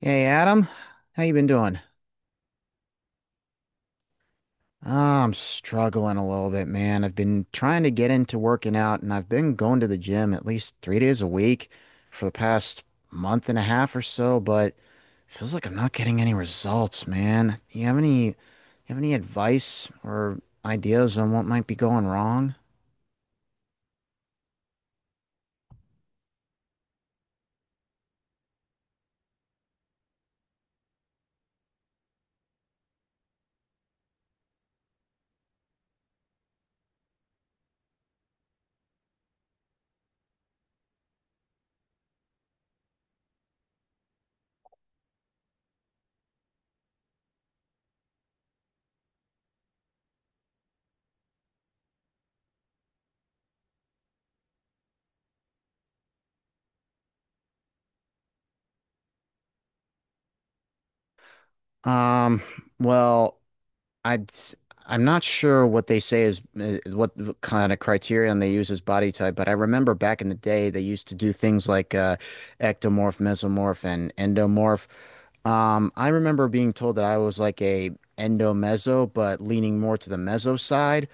Hey Adam, how you been doing? Ah, I'm struggling a little bit, man. I've been trying to get into working out and I've been going to the gym at least 3 days a week for the past month and a half or so, but feels like I'm not getting any results, man. Do you have any advice or ideas on what might be going wrong? Um, well, I'd, s- I'm not sure what they say is, is what kind of criterion they use as body type, but I remember back in the day they used to do things like ectomorph, mesomorph, and endomorph. I remember being told that I was like a endomeso, but leaning more to the meso side.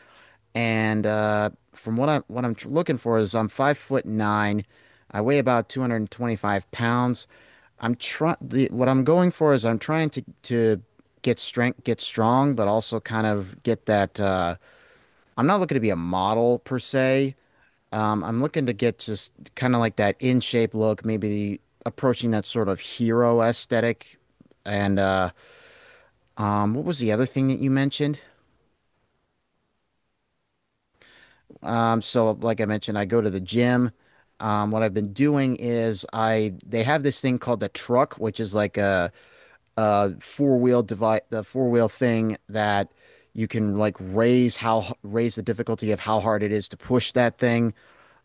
And from what I'm looking for is I'm 5 foot nine, I weigh about 225 pounds. I'm trying What I'm going for is I'm trying to get strength, get strong, but also kind of get that I'm not looking to be a model per se. I'm looking to get just kind of like that in shape look, maybe approaching that sort of hero aesthetic. And what was the other thing that you mentioned? So like I mentioned, I go to the gym. What I've been doing is I they have this thing called the truck, which is like a four-wheel device the four-wheel thing that you can like raise the difficulty of how hard it is to push that thing.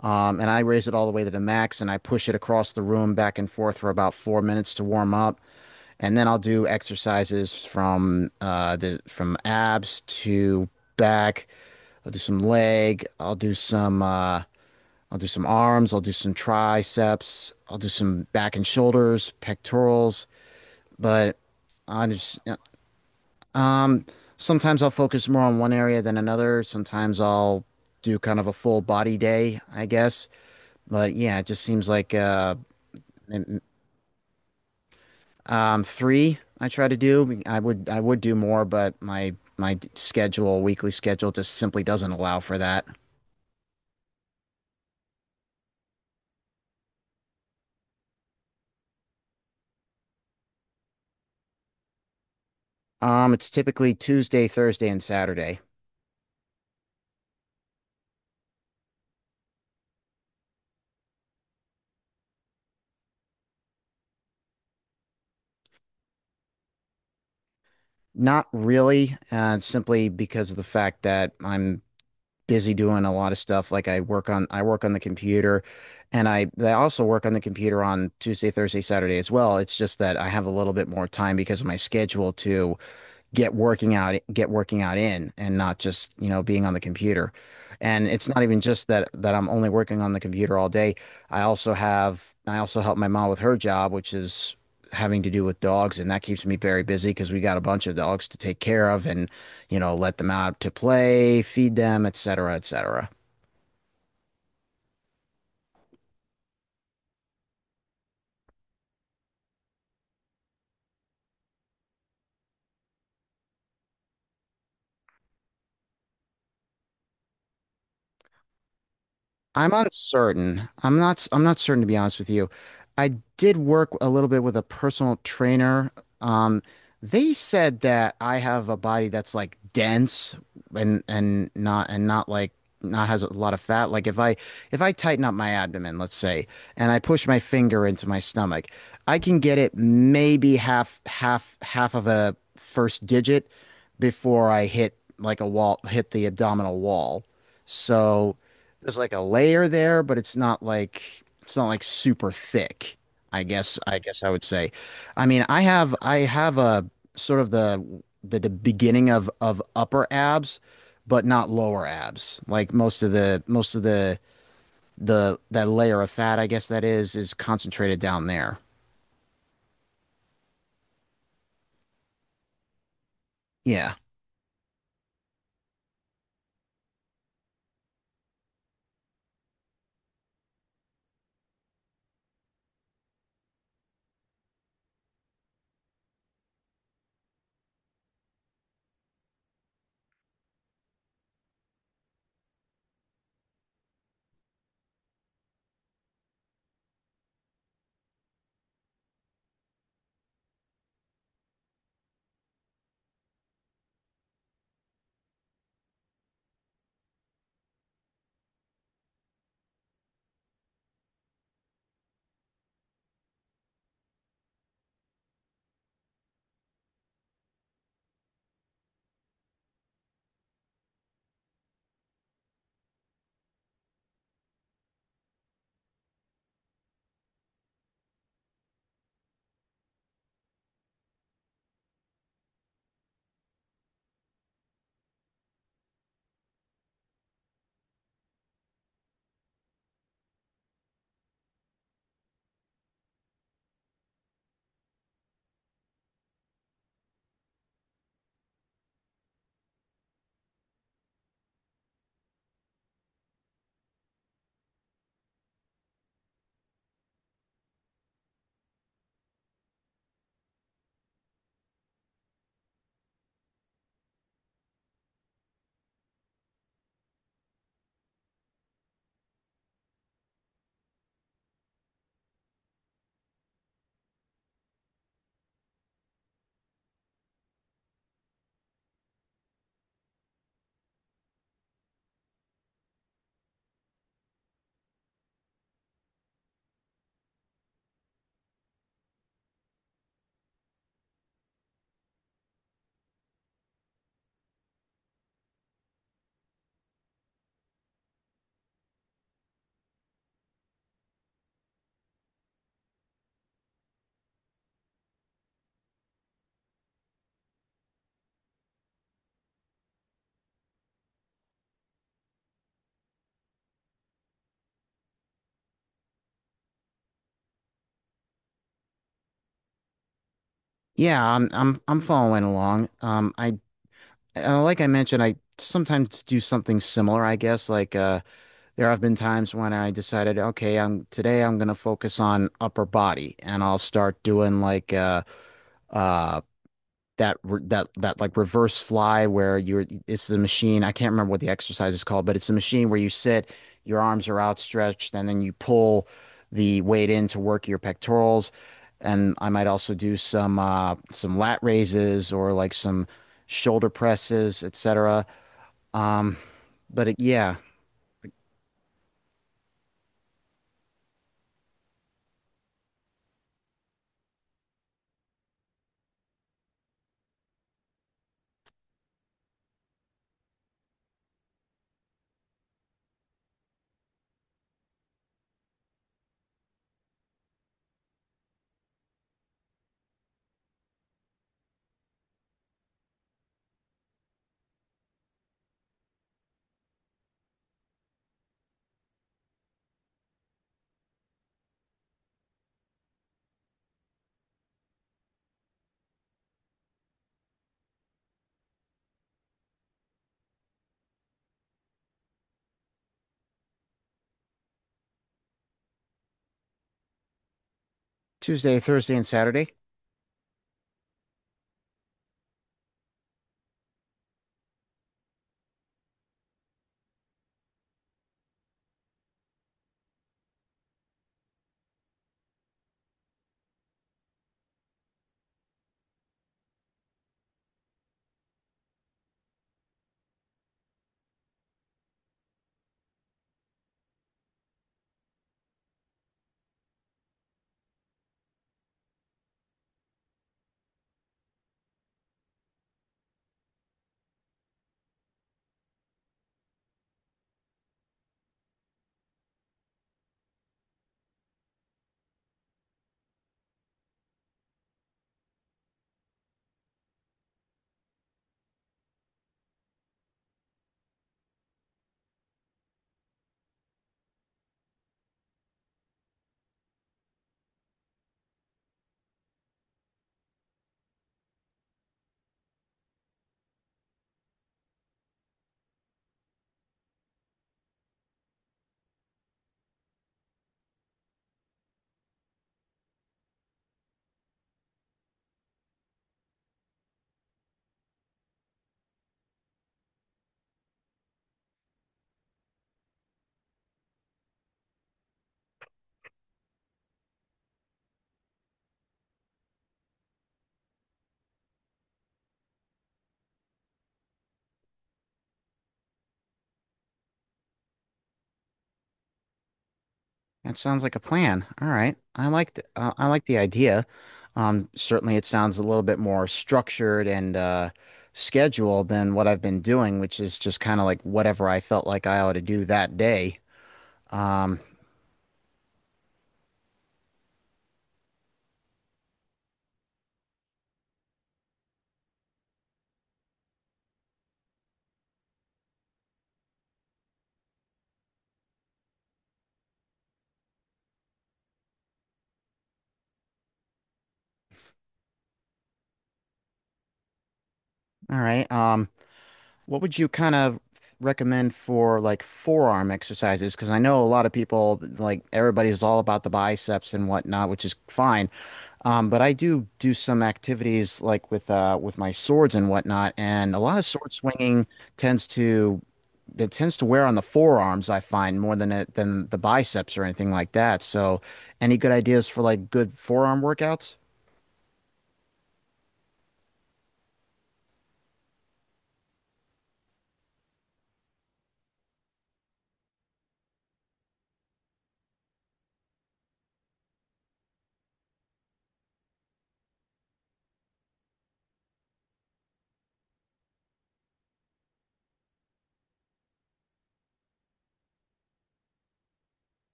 And I raise it all the way to the max and I push it across the room back and forth for about 4 minutes to warm up. And then I'll do exercises from the from abs to back. I'll do some leg. I'll do some arms, I'll do some triceps, I'll do some back and shoulders, pectorals, but I just um, sometimes I'll focus more on one area than another. Sometimes I'll do kind of a full body day, I guess. But yeah, it just seems like m- three I try to do. I would do more, but my schedule, weekly schedule, just simply doesn't allow for that. It's typically Tuesday, Thursday, and Saturday. Not really, simply because of the fact that I'm busy doing a lot of stuff. Like I work on the computer and I also work on the computer on Tuesday, Thursday, Saturday as well. It's just that I have a little bit more time because of my schedule to get working out in and not just you know being on the computer and it's not even just that I'm only working on the computer all day. I also help my mom with her job, which is having to do with dogs, and that keeps me very busy because we got a bunch of dogs to take care of and you know let them out to play, feed them, etc cetera, etc cetera. I'm uncertain. I'm not certain to be honest with you. I did work a little bit with a personal trainer. Um, they said that I have a body that's like dense and not has a lot of fat. Like if I tighten up my abdomen, let's say, and I push my finger into my stomach, I can get it maybe half of a first digit before I hit like a wall, hit the abdominal wall. So there's like a layer there, but it's not like super thick. I guess I would say. I mean, I have a sort of the beginning of upper abs, but not lower abs. Like most of the that layer of fat, I guess that is concentrated down there. Yeah. Yeah, I'm following along. I like I mentioned, I sometimes do something similar, I guess, like There have been times when I decided, okay, I'm today I'm gonna focus on upper body, and I'll start doing like uh that re that that like reverse fly where you're it's the machine. I can't remember what the exercise is called, but it's a machine where you sit, your arms are outstretched, and then you pull the weight in to work your pectorals. And I might also do some lat raises or like some shoulder presses, etc. Um, but it, yeah, Tuesday, Thursday, and Saturday. That sounds like a plan. All right. I like the idea. Certainly it sounds a little bit more structured and scheduled than what I've been doing, which is just kind of like whatever I felt like I ought to do that day. Um, all right. What would you kind of recommend for like forearm exercises? Because I know a lot of people like everybody's all about the biceps and whatnot, which is fine. But I do do some activities like with my swords and whatnot, and a lot of sword swinging tends to it tends to wear on the forearms, I find, more than it than the biceps or anything like that. So, any good ideas for like good forearm workouts?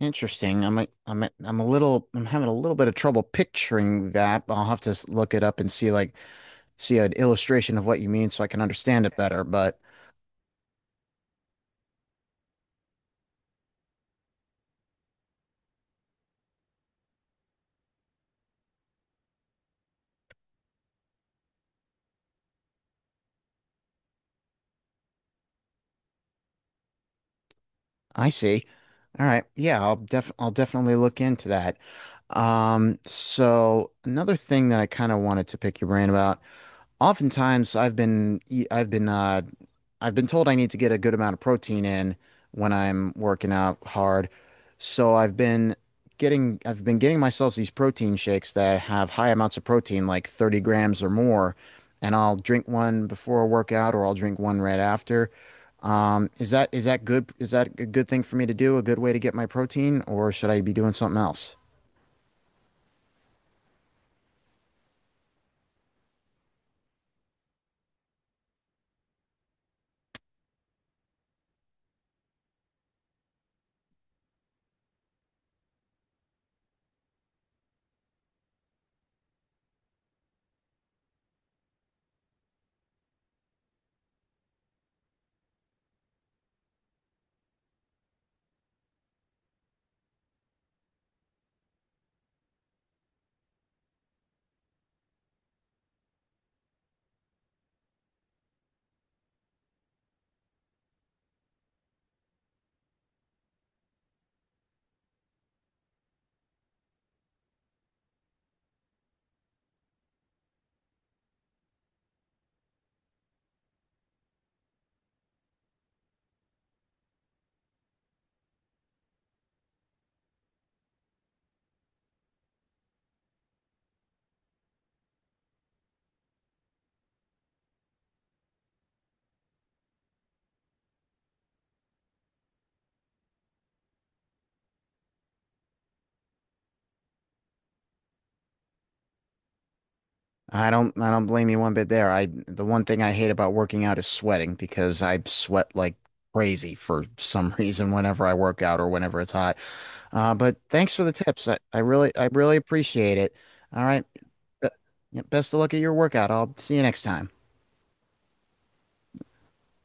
Interesting. I'm a little I'm having a little bit of trouble picturing that. I'll have to look it up and see like see an illustration of what you mean so I can understand it better. But I see. All right. Yeah, I'll definitely look into that. So another thing that I kind of wanted to pick your brain about. Oftentimes, I've been told I need to get a good amount of protein in when I'm working out hard. So I've been getting myself these protein shakes that have high amounts of protein, like 30 grams or more, and I'll drink one before a workout or I'll drink one right after. Is that good? Is that a good thing for me to do? A good way to get my protein, or should I be doing something else? I don't blame you one bit there. I the one thing I hate about working out is sweating because I sweat like crazy for some reason whenever I work out or whenever it's hot. But thanks for the tips. I really appreciate it. All right. Be- yeah, best of luck at your workout. I'll see you next time.